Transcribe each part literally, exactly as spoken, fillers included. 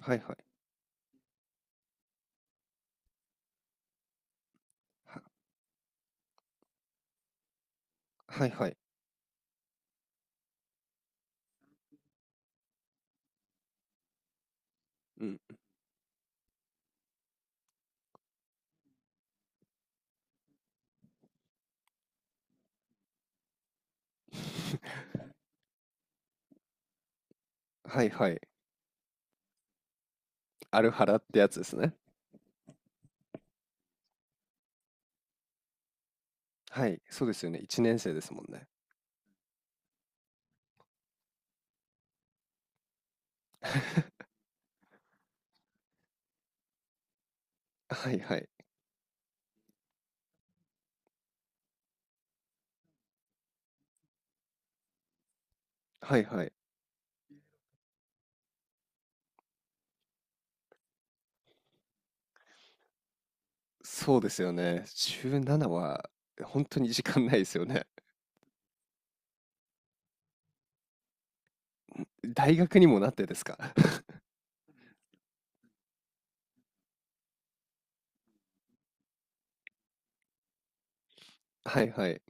はいはい。は、はいはい。うん。はいはい。アルハラってやつですね。はい、そうですよね。いちねん生ですもんね。はいはい。はいはい。そうですよね。じゅうななは本当に時間ないですよね。大学にもなってですか？はいはい。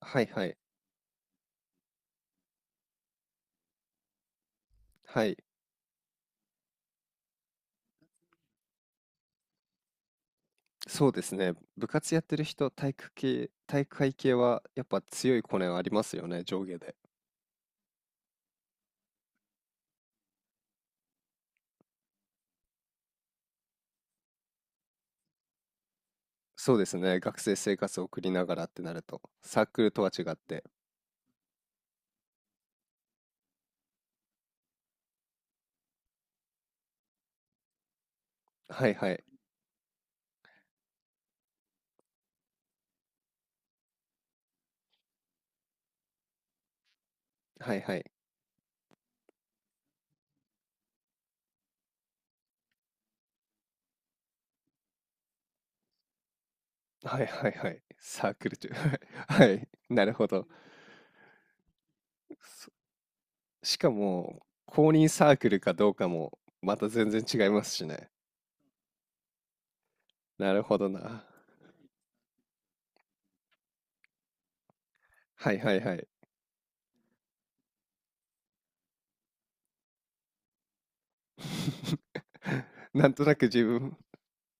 はいはい。はい。そうですね。部活やってる人、体育系体育会系はやっぱ強いコネはありますよね、上下で。そうですね、学生生活を送りながらってなると、サークルとは違って。はいはい。はいはい。はいはいはい。サークル中。はい。はい、なるほど。そしかも、公認サークルかどうかも、また全然違いますしね。なるほどな。はいはいはい。なんとなく自分、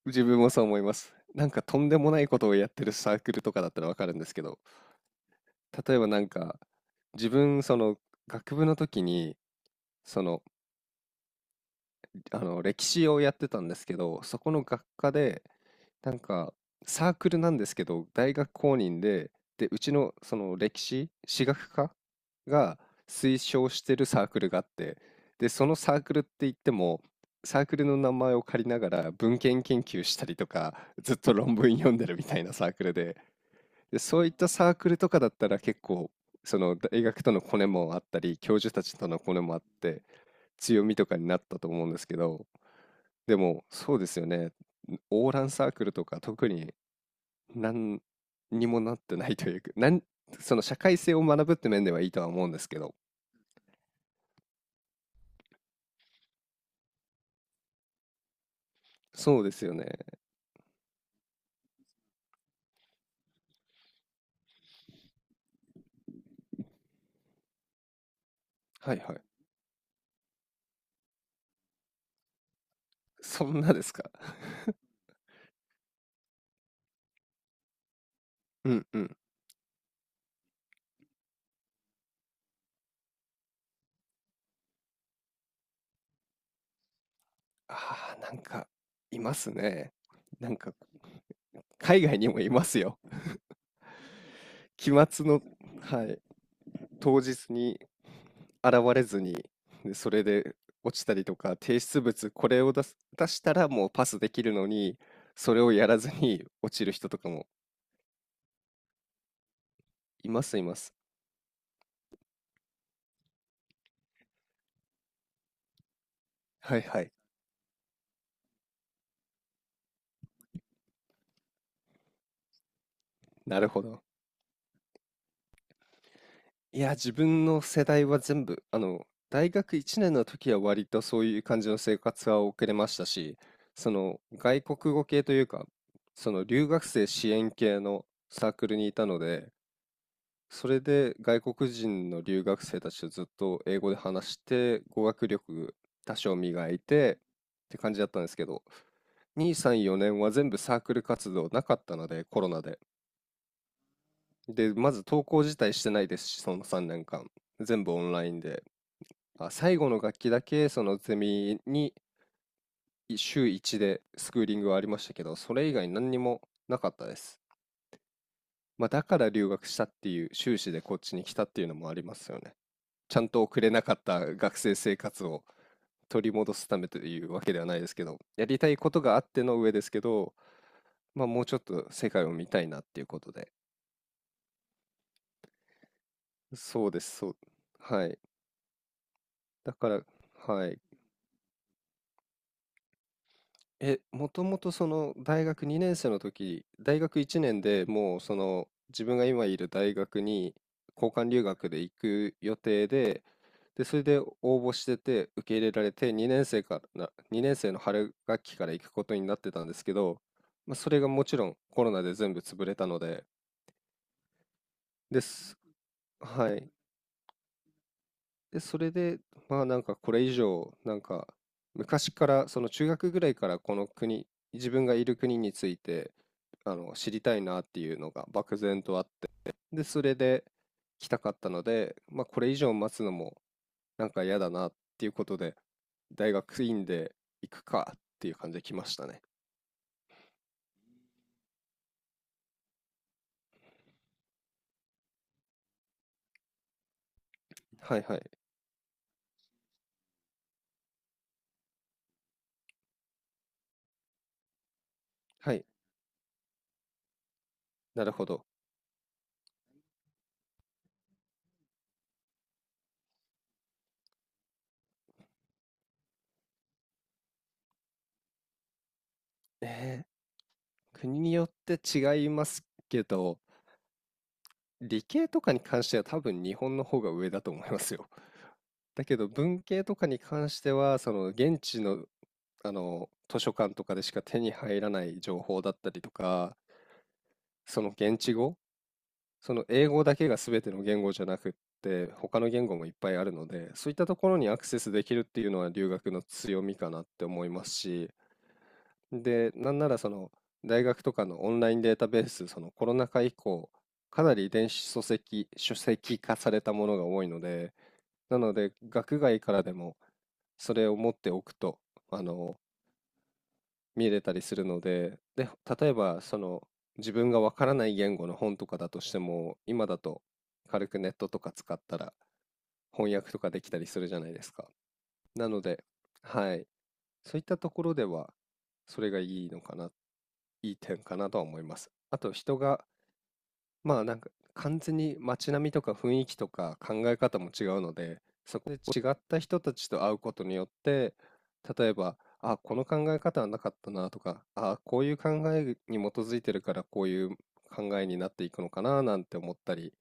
自分もそう思います。なんかとんでもないことをやってるサークルとかだったらわかるんですけど、例えばなんか、自分、その、学部の時に、その、あの歴史をやってたんですけど、そこの学科で、なんかサークルなんですけど、大学公認で、で、うちのその歴史、史学科が推奨してるサークルがあって、で、そのサークルって言っても、サークルの名前を借りながら文献研究したりとか、ずっと論文読んでるみたいなサークルで、で、そういったサークルとかだったら結構、その大学とのコネもあったり、教授たちとのコネもあって、強みとかになったと思うんですけど、でも、そうですよね。オーランサークルとか特に何にもなってないというか、なんその社会性を学ぶって面ではいいとは思うんですけど。そうですよね。はいはい。そんなですか。うんうん。ああ、なんか、いますね。なんか、海外にもいますよ。期末の、はい。当日に現れずに、で、それで落ちたりとか、提出物これを出す出したらもうパスできるのに、それをやらずに落ちる人とかもいますいます。はいはい、なるほど。いや、自分の世代は全部、あの、大学いちねんの時は割とそういう感じの生活は送れましたし、その外国語系というか、その留学生支援系のサークルにいたので、それで外国人の留学生たちとずっと英語で話して語学力多少磨いてって感じだったんですけど、に、さん、よねんは全部サークル活動なかったのでコロナで、で、まず登校自体してないですし、そのさんねんかん全部オンラインで、まあ最後の学期だけそのゼミに、い週いちでスクーリングはありましたけど、それ以外何にもなかったです。まあ、だから留学したっていう、修士でこっちに来たっていうのもありますよね。ちゃんと送れなかった学生生活を取り戻すためというわけではないですけど、やりたいことがあっての上ですけど、まあ、もうちょっと世界を見たいなっていうことで。そうです、そう。はい。だから、はい。え、もともとその大学にねん生の時、大学いちねんでもうその自分が今いる大学に交換留学で行く予定で、で、それで応募してて受け入れられてにねん生から、にねん生の春学期から行くことになってたんですけど、まあ、それがもちろんコロナで全部潰れたので、です。はい。で、それで、まあなんかこれ以上、なんか昔から、その中学ぐらいからこの国、自分がいる国について、あの、知りたいなっていうのが漠然とあって、で、それで来たかったので、まあこれ以上待つのもなんか嫌だなっていうことで、大学院で行くかっていう感じで来ましたね。はいはい。はい。なるほど。えー、国によって違いますけど、理系とかに関しては多分日本の方が上だと思いますよ。だけど文系とかに関してはその現地の、あの図書館とかでしか手に入らない情報だったりとか、その現地語、その英語だけが全ての言語じゃなくって他の言語もいっぱいあるので、そういったところにアクセスできるっていうのは留学の強みかなって思いますし、で、なんならその大学とかのオンラインデータベース、そのコロナ禍以降かなり電子書籍書籍化されたものが多いので、なので、学外からでもそれを持っておくと、あの、見れたりするので、で、例えば、その、自分がわからない言語の本とかだとしても、今だと軽くネットとか使ったら翻訳とかできたりするじゃないですか。なので、はい、そういったところでは、それがいいのかな、いい点かなとは思います。あと、人がまあなんか完全に街並みとか雰囲気とか考え方も違うので、そこで違った人たちと会うことによって、例えば、あ、この考え方はなかったなとか、あ、こういう考えに基づいてるからこういう考えになっていくのかななんて思ったり、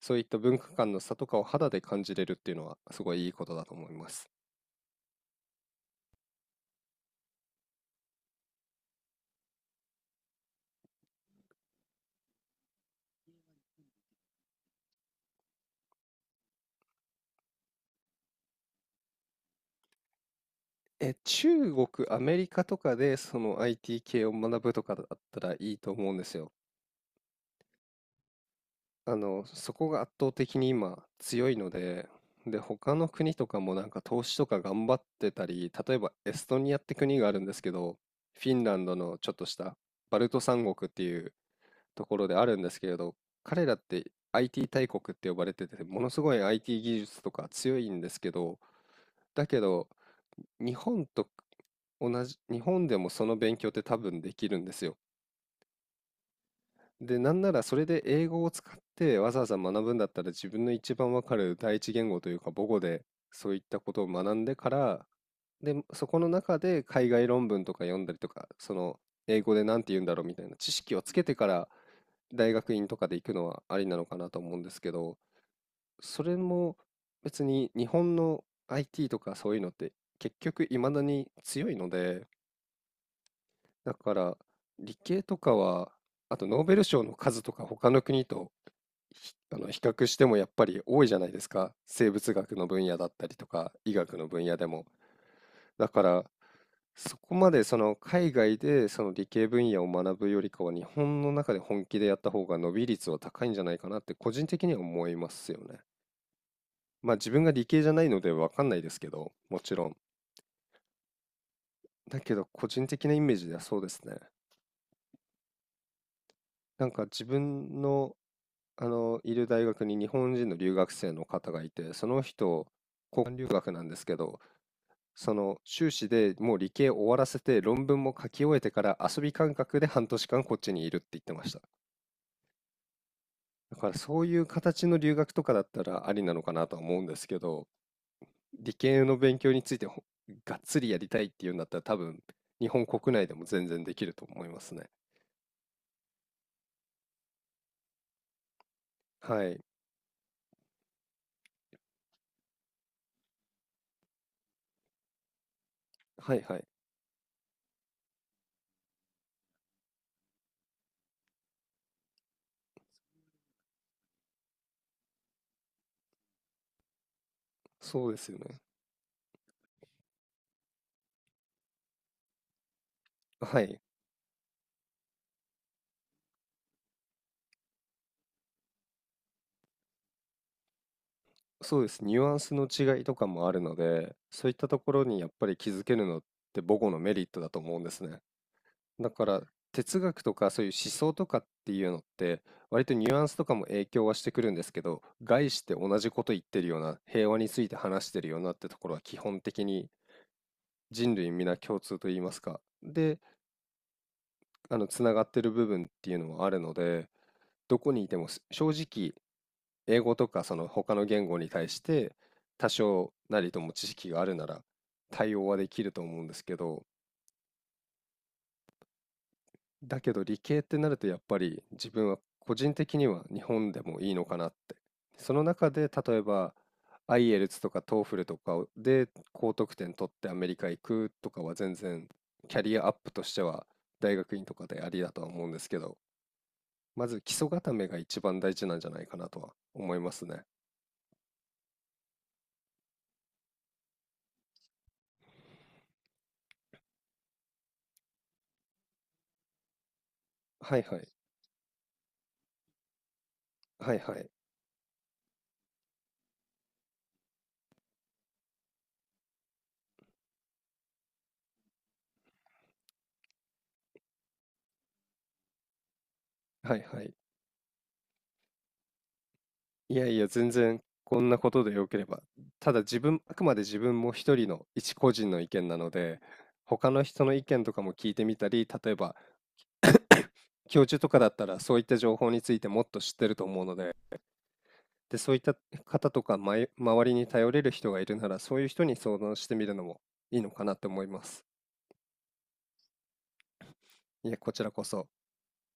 そういった文化間の差とかを肌で感じれるっていうのはすごいいいことだと思います。え、中国、アメリカとかでその アイティー 系を学ぶとかだったらいいと思うんですよ。あの、そこが圧倒的に今強いので、で、他の国とかもなんか投資とか頑張ってたり、例えばエストニアって国があるんですけど、フィンランドのちょっとしたバルト三国っていうところであるんですけれど、彼らって アイティー 大国って呼ばれてて、ものすごい アイティー 技術とか強いんですけど、だけど、日本と同じ、日本でもその勉強って多分できるんですよ。で、なんならそれで英語を使ってわざわざ学ぶんだったら自分の一番わかる第一言語というか母語でそういったことを学んでから、で、そこの中で海外論文とか読んだりとか、その英語で何て言うんだろうみたいな知識をつけてから大学院とかで行くのはありなのかなと思うんですけど、それも別に日本の アイティー とかそういうのって結局未だに強いので、だから理系とかは、あとノーベル賞の数とか他の国とひあの比較してもやっぱり多いじゃないですか。生物学の分野だったりとか、医学の分野でも。だから、そこまでその海外でその理系分野を学ぶよりかは、日本の中で本気でやった方が伸び率は高いんじゃないかなって個人的には思いますよね。まあ自分が理系じゃないのでわかんないですけど、もちろん。だけど個人的なイメージではそうですね。なんか自分の、あの、いる大学に日本人の留学生の方がいて、その人、交換留学なんですけど、その修士でもう理系終わらせて論文も書き終えてから遊び感覚で半年間こっちにいるって言ってました。だからそういう形の留学とかだったらありなのかなとは思うんですけど、理系の勉強についてほがっつりやりたいっていうんだったら多分日本国内でも全然できると思いますね。はい。はいはい。そうですよね。はい。そうです。ニュアンスの違いとかもあるので、そういったところにやっぱり気づけるのって母語のメリットだと思うんですね。だから哲学とかそういう思想とかっていうのって割とニュアンスとかも影響はしてくるんですけど、概して同じこと言ってるような、平和について話してるようなってところは基本的に人類皆共通と言いますか、で、あのつながってる部分っていうのはあるので、どこにいてもす正直英語とかその他の言語に対して多少なりとも知識があるなら対応はできると思うんですけど、だけど理系ってなるとやっぱり自分は個人的には日本でもいいのかなって。その中で例えば アイエルツ とか トーフル とかで高得点取ってアメリカ行くとかは全然キャリアアップとしては大学院とかでありだとは思うんですけど、まず基礎固めが一番大事なんじゃないかなとは思いますね。はいはい。はいはい。はいはい。いやいや、全然こんなことで良ければ。ただ自分、あくまで自分も一人の一個人の意見なので、他の人の意見とかも聞いてみたり、例えば教授とかだったらそういった情報についてもっと知ってると思うので、で、そういった方とか、まい周りに頼れる人がいるなら、そういう人に相談してみるのもいいのかなって思います。いやこちらこそ。